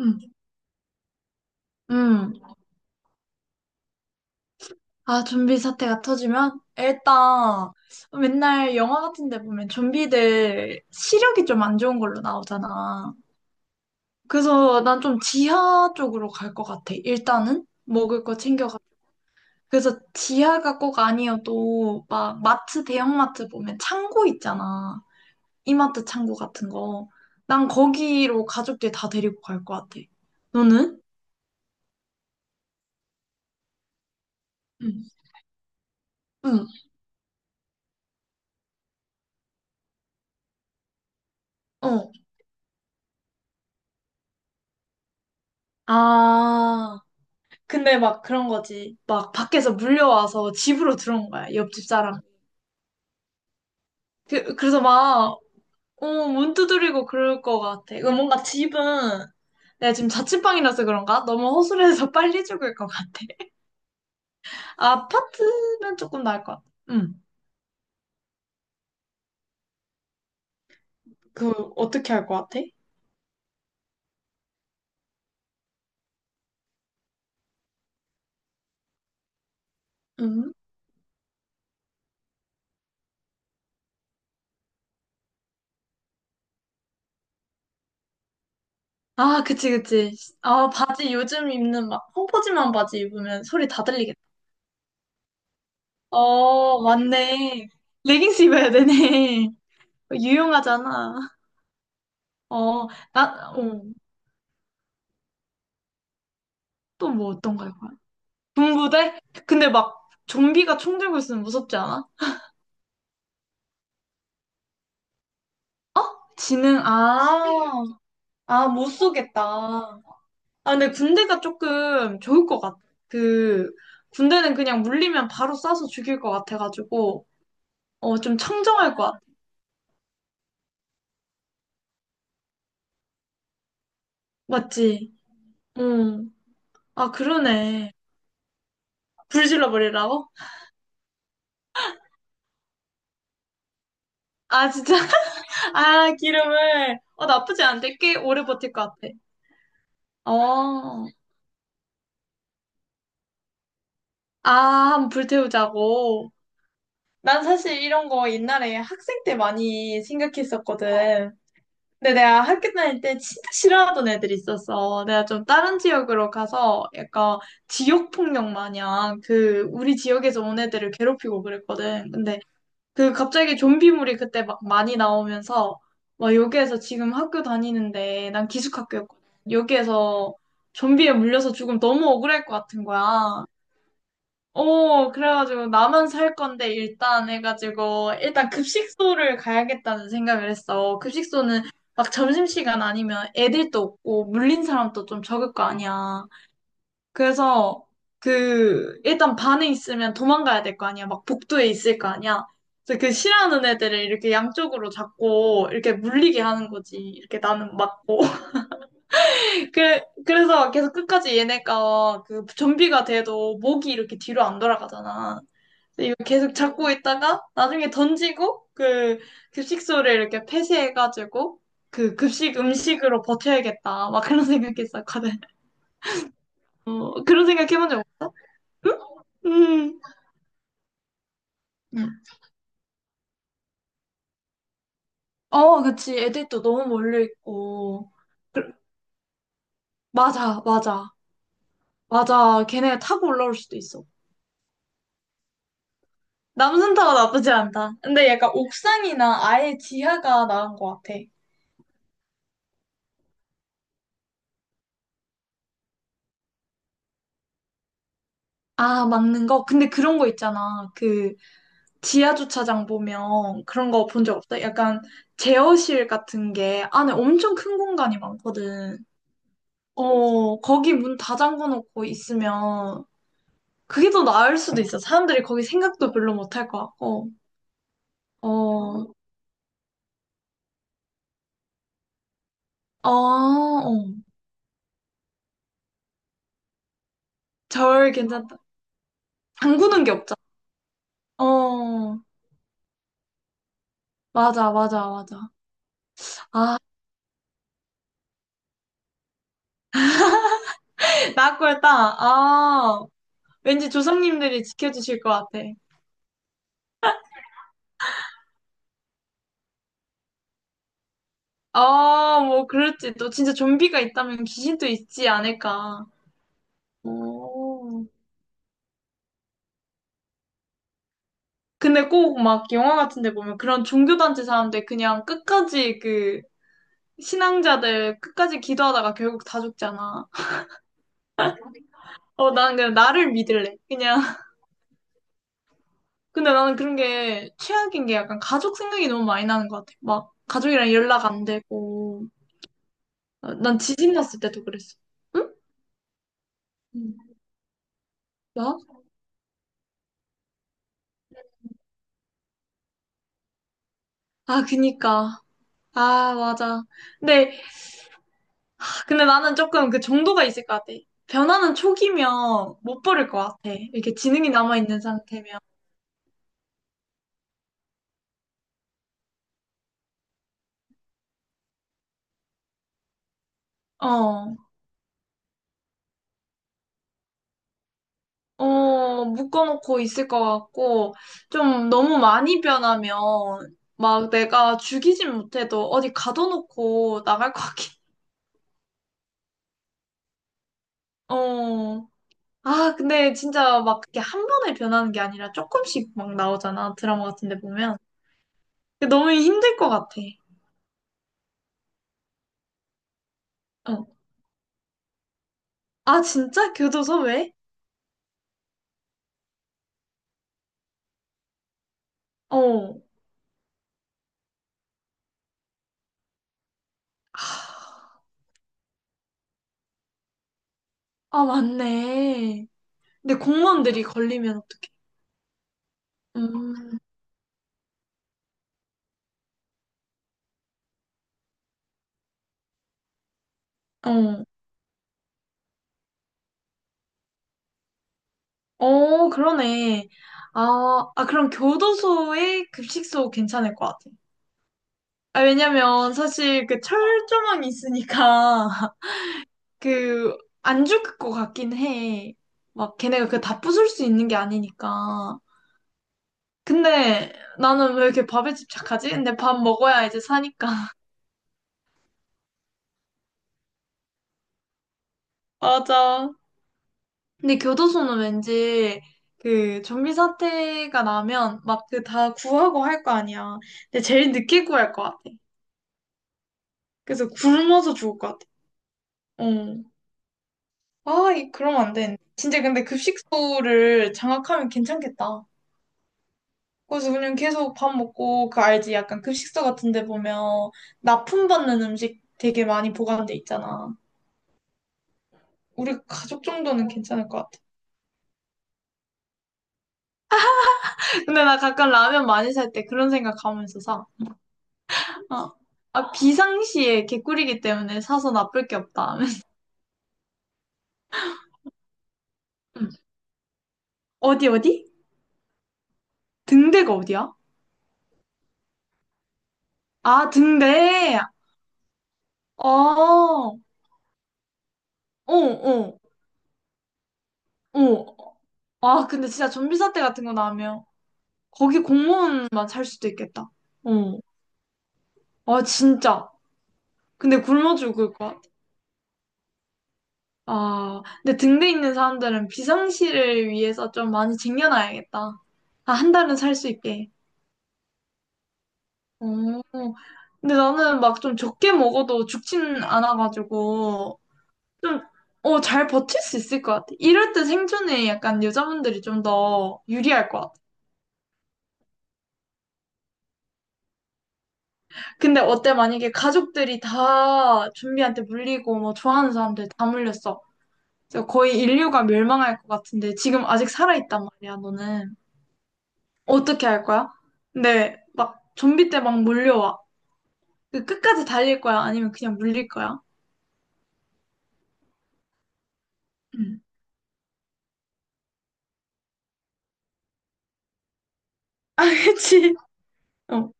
음, 음. 아, 좀비 사태가 터지면? 일단, 맨날 영화 같은 데 보면 좀비들 시력이 좀 안 좋은 걸로 나오잖아. 그래서 난 좀 지하 쪽으로 갈 것 같아. 일단은 먹을 거 챙겨가. 그래서 지하가 꼭 아니어도 막 마트, 대형마트 보면 창고 있잖아. 이마트 창고 같은 거. 난 거기로 가족들 다 데리고 갈 것 같아. 너는? 응, 응, 어. 아. 근데 막 그런 거지. 막 밖에서 물려와서 집으로 들어온 거야, 옆집 사람. 그래서 막, 어, 문 두드리고 그럴 것 같아. 이거 뭔가 집은, 내가 지금 자취방이라서 그런가? 너무 허술해서 빨리 죽을 것 같아. 아파트면 조금 나을 것 같아. 응. 그, 어떻게 할 것 같아? 응. 아, 그치, 그치. 아, 바지 요즘 입는 막 펑퍼짐한 바지 입으면 소리 다 들리겠다. 어, 맞네. 레깅스 입어야 되네. 유용하잖아. 어, 나, 어. 또 뭐 어떤 거해요 군부대? 근데 막 좀비가 총 들고 있으면 무섭지 않아? 지능, 아, 아, 못 쏘겠다. 아, 근데 군대가 조금 좋을 것 같아. 그, 군대는 그냥 물리면 바로 쏴서 죽일 것 같아가지고, 어, 좀 청정할 것 같아. 맞지? 응. 아, 그러네. 불 질러버리라고? 아, 진짜? 아, 기름을. 어, 나쁘지 않은데 꽤 오래 버틸 것 같아. 어. 아, 한번 불 태우자고. 난 사실 이런 거 옛날에 학생 때 많이 생각했었거든. 근데 내가 학교 다닐 때 진짜 싫어하던 애들이 있었어. 내가 좀 다른 지역으로 가서 약간 지역폭력 마냥 그 우리 지역에서 온 애들을 괴롭히고 그랬거든. 근데 그 갑자기 좀비물이 그때 막 많이 나오면서 막 여기에서 지금 학교 다니는데 난 기숙학교였거든. 여기에서 좀비에 물려서 죽으면 너무 억울할 것 같은 거야. 어, 그래가지고 나만 살 건데 일단 해가지고 일단 급식소를 가야겠다는 생각을 했어. 급식소는 막 점심시간 아니면 애들도 없고 물린 사람도 좀 적을 거 아니야. 그래서 그 일단 반에 있으면 도망가야 될 거 아니야. 막 복도에 있을 거 아니야. 그래서 그 싫어하는 애들을 이렇게 양쪽으로 잡고 이렇게 물리게 하는 거지. 이렇게 나는 맞고. 그래, 그래서 계속 끝까지 얘네가 그 좀비가 돼도 목이 이렇게 뒤로 안 돌아가잖아. 근데 이거 계속 잡고 있다가 나중에 던지고 그 급식소를 이렇게 폐쇄해가지고 그 급식 음식으로 버텨야겠다. 막 그런 생각했었거든. 어, 그런 생각 해본 적 없어? 응? 응. 응. 어, 그치. 애들도 너무 몰려 있고. 그- 맞아, 맞아. 맞아. 걔네가 타고 올라올 수도 있어. 남산타워 나쁘지 않다. 근데 약간 옥상이나 아예 지하가 나은 것 같아. 아, 막는 거? 근데 그런 거 있잖아. 그 지하 주차장 보면 그런 거 본 적 없어? 약간 제어실 같은 게 안에 엄청 큰 공간이 많거든. 어, 거기 문 다 잠궈 놓고 있으면 그게 더 나을 수도 있어. 사람들이 거기 생각도 별로 못 할 것 같고. 어, 아, 어, 절 괜찮다. 잠그는 게 없잖아. 어, 맞아, 맞아, 맞아. 아, 나꼴딱 아, 왠지 조상님들이 지켜주실 것 같아. 아, 뭐, 그럴지. 또 진짜 좀비가 있다면 귀신도 있지 않을까. 오. 근데 꼭 막 영화 같은 데 보면 그런 종교단체 사람들 그냥 끝까지 그 신앙자들 끝까지 기도하다가 결국 다 죽잖아. 어, 나는 그냥 나를 믿을래. 그냥. 근데 나는 그런 게 최악인 게 약간 가족 생각이 너무 많이 나는 것 같아. 막 가족이랑 연락 안 되고. 어, 난 지진 났을 때도 그랬어. 응? 응. 나? 아, 그니까. 아, 맞아. 근데 근데 나는 조금 그 정도가 있을 것 같아. 변화는 초기면 못 버릴 것 같아. 이렇게 지능이 남아있는 상태면. 어, 어, 묶어놓고 있을 것 같고, 좀 너무 많이 변하면, 막 내가 죽이진 못해도 어디 가둬놓고 나갈 것 같긴. 어. 아, 근데 진짜 막 그게 한 번에 변하는 게 아니라 조금씩 막 나오잖아. 드라마 같은 데 보면. 근데 너무 힘들 것 같아. 어. 아, 진짜? 교도소 왜? 어. 하. 아, 맞네. 근데 공무원들이 걸리면 어떡해? 음, 어, 어, 그러네. 아, 아, 그럼 교도소에 급식소 괜찮을 것 같아. 아, 왜냐면 사실 그 철조망이 있으니까 그 안 죽을 것 같긴 해. 막 걔네가 그 다 부술 수 있는 게 아니니까. 근데 나는 왜 이렇게 밥에 집착하지? 근데 밥 먹어야 이제 사니까. 맞아. 근데 교도소는 왠지 그 좀비 사태가 나면 막 그 다 구하고 할 거 아니야. 근데 제일 늦게 구할 것 같아. 그래서 굶어서 죽을 것 같아. 어. 아, 이 그러면 안 돼. 진짜 근데 급식소를 장악하면 괜찮겠다. 그래서 그냥 계속 밥 먹고 그 알지? 약간 급식소 같은 데 보면 납품받는 음식 되게 많이 보관돼 있잖아. 우리 가족 정도는 괜찮을 것 같아. 근데 나 가끔 라면 많이 살 때 그런 생각하면서 사. 어. 아, 비상시에 개꿀이기 때문에 사서 나쁠 게 없다. 하면서. 음. 어디, 어디? 등대가 어디야? 아, 등대! 어, 어, 어, 어. 아, 근데 진짜 좀비 사태 같은 거 나오면 거기 공무원만 살 수도 있겠다. 어. 아, 진짜. 근데 굶어 죽을 것 같아. 아, 근데 등대 있는 사람들은 비상시를 위해서 좀 많이 쟁여놔야겠다. 아, 한 달은 살 수 있게. 어, 근데 나는 막 좀 적게 먹어도 죽진 않아가지고, 좀, 어, 잘 버틸 수 있을 것 같아. 이럴 때 생존에 약간 여자분들이 좀 더 유리할 것 같아. 근데 어때? 만약에 가족들이 다 좀비한테 물리고, 뭐, 좋아하는 사람들 다 물렸어. 그래서 거의 인류가 멸망할 것 같은데, 지금 아직 살아있단 말이야, 너는. 어떻게 할 거야? 근데 막 좀비 때 막 몰려와. 그 끝까지 달릴 거야? 아니면 그냥 물릴 거야? 응. 아, 그치. 어.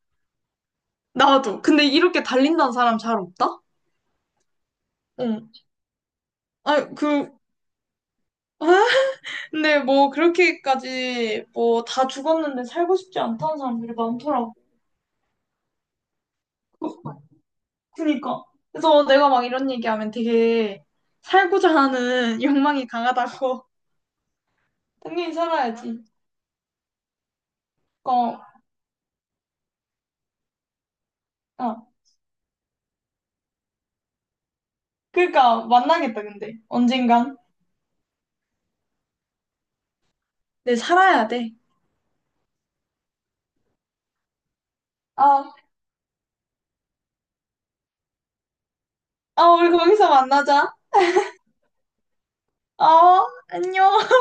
나도. 근데 이렇게 달린다는 사람 잘 없다? 응. 아니, 그, 어? 근데 뭐 그렇게까지 뭐 다 죽었는데 살고 싶지 않다는 사람들이 많더라고. 그- 그니까. 그래서 내가 막 이런 얘기하면 되게 살고자 하는 욕망이 강하다고. 당연히 살아야지. 어, 어. 그러니까 만나겠다, 근데. 언젠간. 네, 살아야 돼. 아, 아, 우리 거기서 만나자. 어, 안녕.